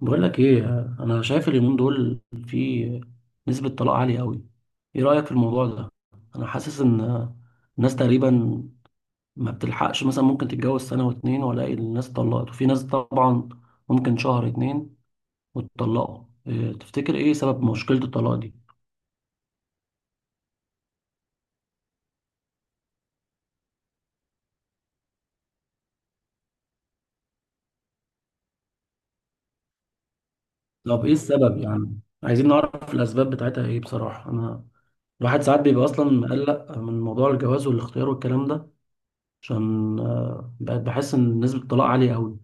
بقول لك ايه. انا شايف اليومين دول في نسبة طلاق عالية قوي. ايه رأيك في الموضوع ده؟ انا حاسس ان الناس تقريبا ما بتلحقش، مثلا ممكن تتجوز سنة واتنين والاقي الناس اتطلقت، وفي ناس طبعا ممكن شهر اتنين واتطلقوا. إيه تفتكر ايه سبب مشكلة الطلاق دي؟ طب ايه السبب؟ يعني عايزين نعرف الاسباب بتاعتها ايه. بصراحة انا الواحد ساعات بيبقى اصلا مقلق من موضوع الجواز والاختيار والكلام ده، عشان بقت بحس ان نسبة الطلاق عالية قوي.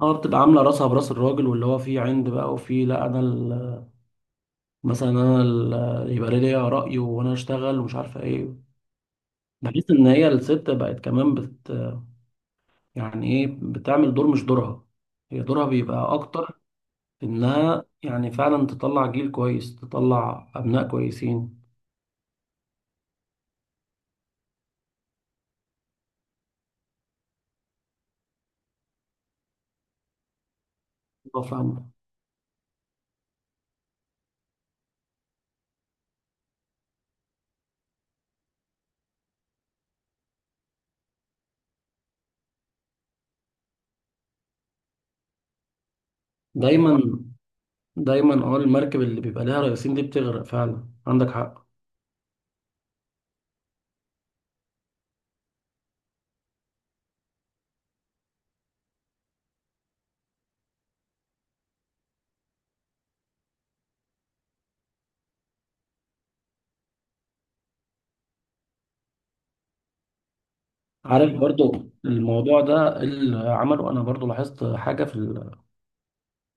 اه، بتبقى عامله راسها براس الراجل، واللي هو فيه عند بقى، وفيه لا انا مثلا انا يبقى ليا راي وانا اشتغل ومش عارفه ايه. بحس ان هي الست بقت كمان بت، يعني ايه، بتعمل دور مش دورها. هي دورها بيبقى اكتر انها يعني فعلا تطلع جيل كويس، تطلع ابناء كويسين. الله، فاهمة. دايما دايما اه، المركب اللي بيبقى لها رئيسين دي بتغرق فعلا، عندك حق. عارف، برضو الموضوع ده اللي عمله، انا برضو لاحظت حاجه في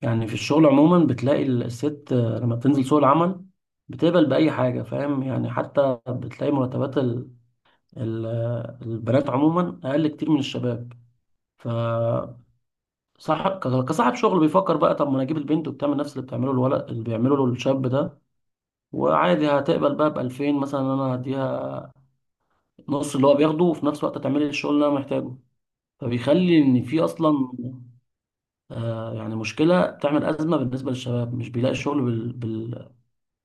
يعني في الشغل عموما بتلاقي الست لما بتنزل سوق العمل بتقبل بأي حاجة، فاهم يعني؟ حتى بتلاقي مرتبات البنات عموما أقل كتير من الشباب، فصح. كصاحب شغل بيفكر بقى طب ما أنا أجيب البنت وبتعمل نفس اللي بتعمله الولد، اللي بيعمله له الشاب ده، وعادي هتقبل بقى ب 2000 مثلا. أنا هديها نص اللي هو بياخده، وفي نفس الوقت هتعمل لي الشغل اللي أنا محتاجه. فبيخلي إن في أصلا يعني مشكلة، بتعمل أزمة بالنسبة للشباب، مش بيلاقي الشغل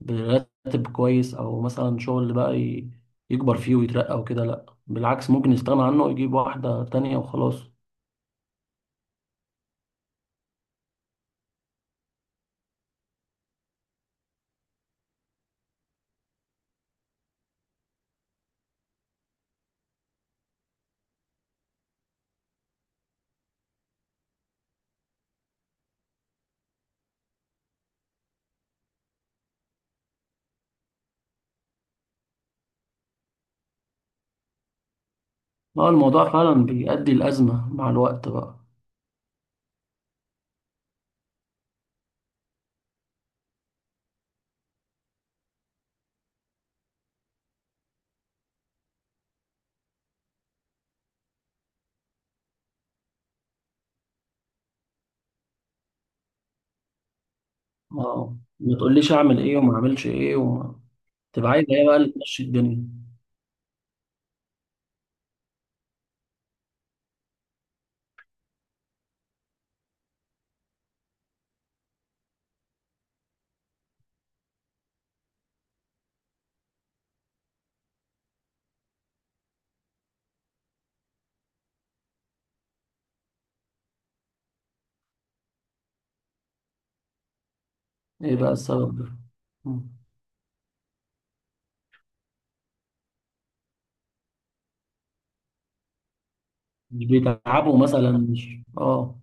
براتب كويس، او مثلا شغل بقى يكبر فيه ويترقى وكده. لا، بالعكس ممكن يستغنى عنه ويجيب واحدة تانية وخلاص. اه، الموضوع فعلا بيؤدي الأزمة مع الوقت بقى. اه، ما تقوليش اعمل ايه وما اعملش ايه، وما تبقى عايز ايه بقى اللي تمشي الدنيا. ايه بقى السبب ده؟ مم. مش بيتعبوا مثلا، مش اه،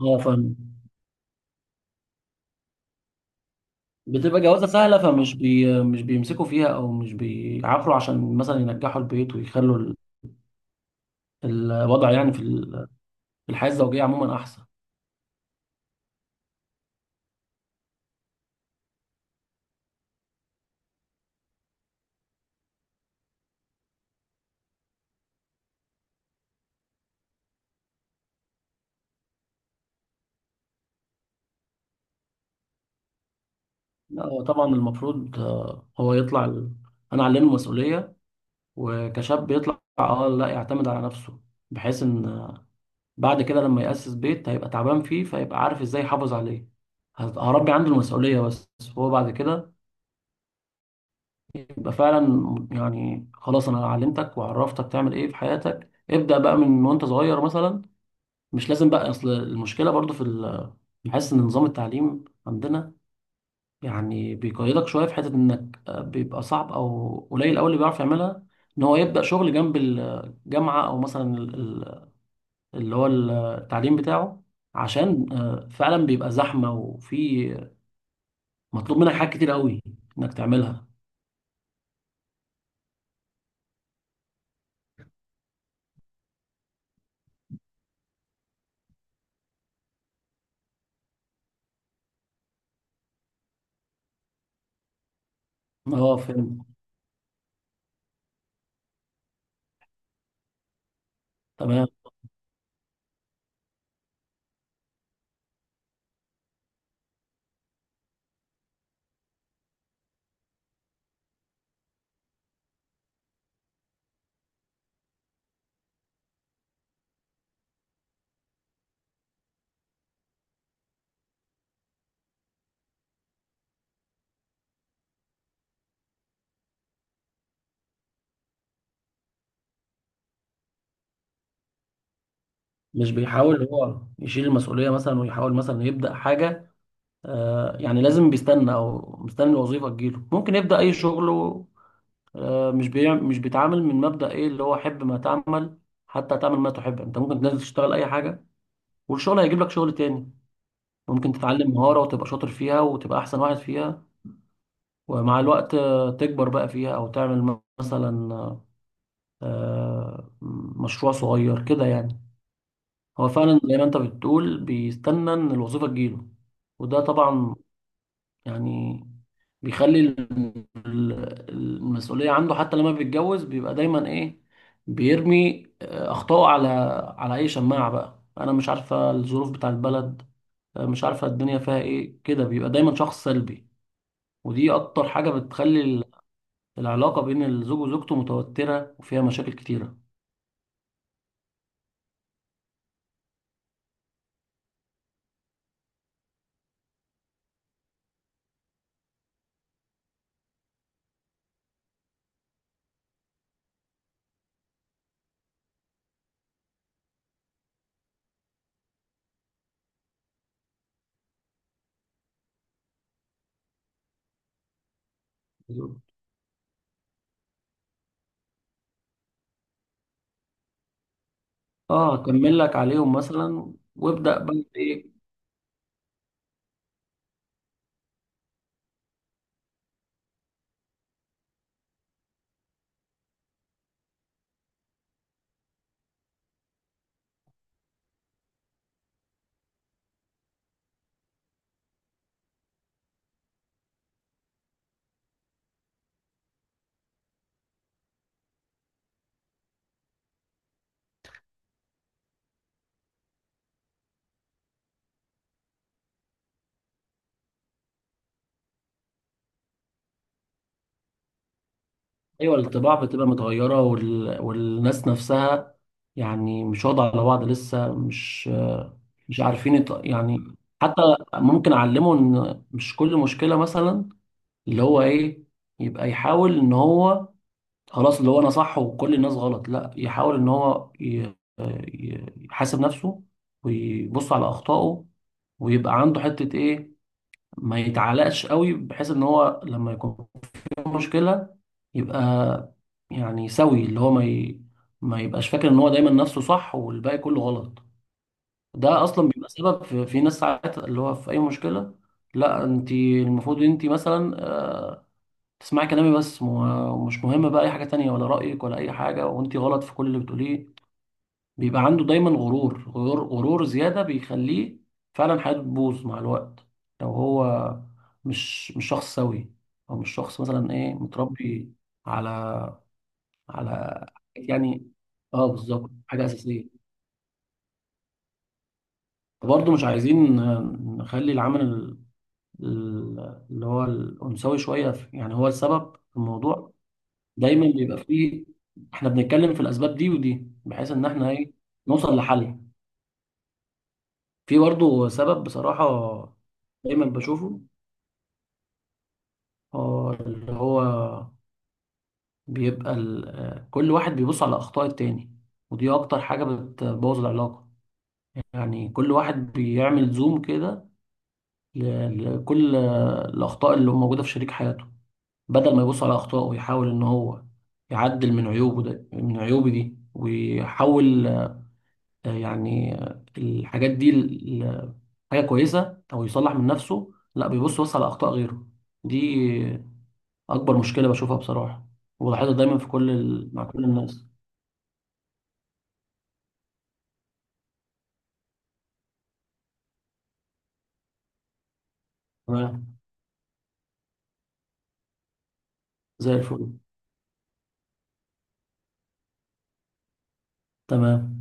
اه فاهم. بتبقى جوازة سهلة، فمش مش بيمسكوا فيها، او مش بيعافروا عشان مثلا ينجحوا البيت، ويخلوا الوضع يعني في الحياة الزوجية عموما أحسن. لا هو طبعا المفروض هو يطلع أنا علمه المسؤولية، وكشاب يطلع أه لا، يعتمد على نفسه، بحيث إن بعد كده لما يأسس بيت هيبقى تعبان فيه، فيبقى عارف إزاي يحافظ عليه. هربي عنده المسؤولية بس، هو بعد كده يبقى فعلا، يعني خلاص أنا علمتك وعرفتك تعمل إيه في حياتك، ابدأ بقى من وأنت صغير مثلا. مش لازم بقى. أصل المشكلة برضو في بحس إن نظام التعليم عندنا يعني بيقيدك شويه في حته انك بيبقى صعب او قليل قوي اللي بيعرف يعملها، ان هو يبدا شغل جنب الجامعه، او مثلا اللي هو التعليم بتاعه، عشان فعلا بيبقى زحمه، وفي مطلوب منك حاجات كتير قوي انك تعملها. اه فهمت. تمام. مش بيحاول هو يشيل المسؤوليه مثلا، ويحاول مثلا يبدا حاجه. يعني لازم بيستنى، او مستني الوظيفه تجيله، ممكن يبدا اي شغل. مش بيعمل، مش بيتعامل من مبدأ ايه اللي هو حب ما تعمل، حتى تعمل ما تحب. انت ممكن تنزل تشتغل اي حاجة، والشغل هيجيب لك شغل تاني. ممكن تتعلم مهارة وتبقى شاطر فيها، وتبقى احسن واحد فيها، ومع الوقت تكبر بقى فيها، او تعمل مثلا آه، مشروع صغير كده يعني. هو فعلا زي ما انت بتقول بيستنى ان الوظيفة تجيله، وده طبعا يعني بيخلي المسؤولية عنده، حتى لما بيتجوز بيبقى دايما ايه بيرمي أخطائه على على أي شماعة بقى. أنا مش عارفة الظروف بتاع البلد، مش عارفة الدنيا فيها ايه كده، بيبقى دايما شخص سلبي. ودي أكتر حاجة بتخلي العلاقة بين الزوج وزوجته متوترة وفيها مشاكل كتيرة. اه، أكمل لك عليهم مثلا، وابدأ بقى ايه. ايوه، الطباع بتبقى متغيره، والناس نفسها يعني مش واضحه على بعض لسه، مش عارفين يعني حتى ممكن اعلمه ان مش كل مشكله مثلا اللي هو ايه، يبقى يحاول ان هو خلاص، اللي هو انا صح وكل الناس غلط، لا يحاول ان هو يحاسب نفسه، ويبص على اخطائه، ويبقى عنده حته ايه، ما يتعلقش قوي، بحيث ان هو لما يكون مشكلة يبقى يعني سوي، اللي هو ما يبقاش فاكر ان هو دايما نفسه صح والباقي كله غلط. ده اصلا بيبقى سبب في, في ناس ساعات اللي هو في اي مشكلة، لا انت المفروض، انت مثلا تسمعي كلامي بس، مش مهم بقى اي حاجة تانية، ولا رأيك، ولا اي حاجة، وانت غلط في كل اللي بتقوليه. بيبقى عنده دايما غرور، غرور زيادة، بيخليه فعلا حياته تبوظ مع الوقت، لو هو مش شخص سوي، او مش شخص مثلا ايه متربي على على، يعني اه بالظبط، حاجة أساسية. برضه مش عايزين نخلي العمل اللي هو الأنثوي شوية يعني هو السبب في الموضوع دايما بيبقى فيه. احنا بنتكلم في الأسباب دي ودي بحيث إن احنا ايه، نوصل لحل. في برضه سبب بصراحة دايما بشوفه، هو اللي هو بيبقى كل واحد بيبص على أخطاء التاني، ودي أكتر حاجة بتبوظ العلاقة. يعني كل واحد بيعمل زوم كده لكل الأخطاء اللي موجودة في شريك حياته، بدل ما يبص على أخطائه ويحاول إن هو يعدل من عيوبه، من عيوبه دي ويحاول الحاجات دي حاجة كويسة، أو يصلح من نفسه، لا بيبص بس على أخطاء غيره دي. أكبر مشكلة بشوفها بصراحة، ولاحظها دايما في كل مع كل الناس. تمام. زي الفل. تمام.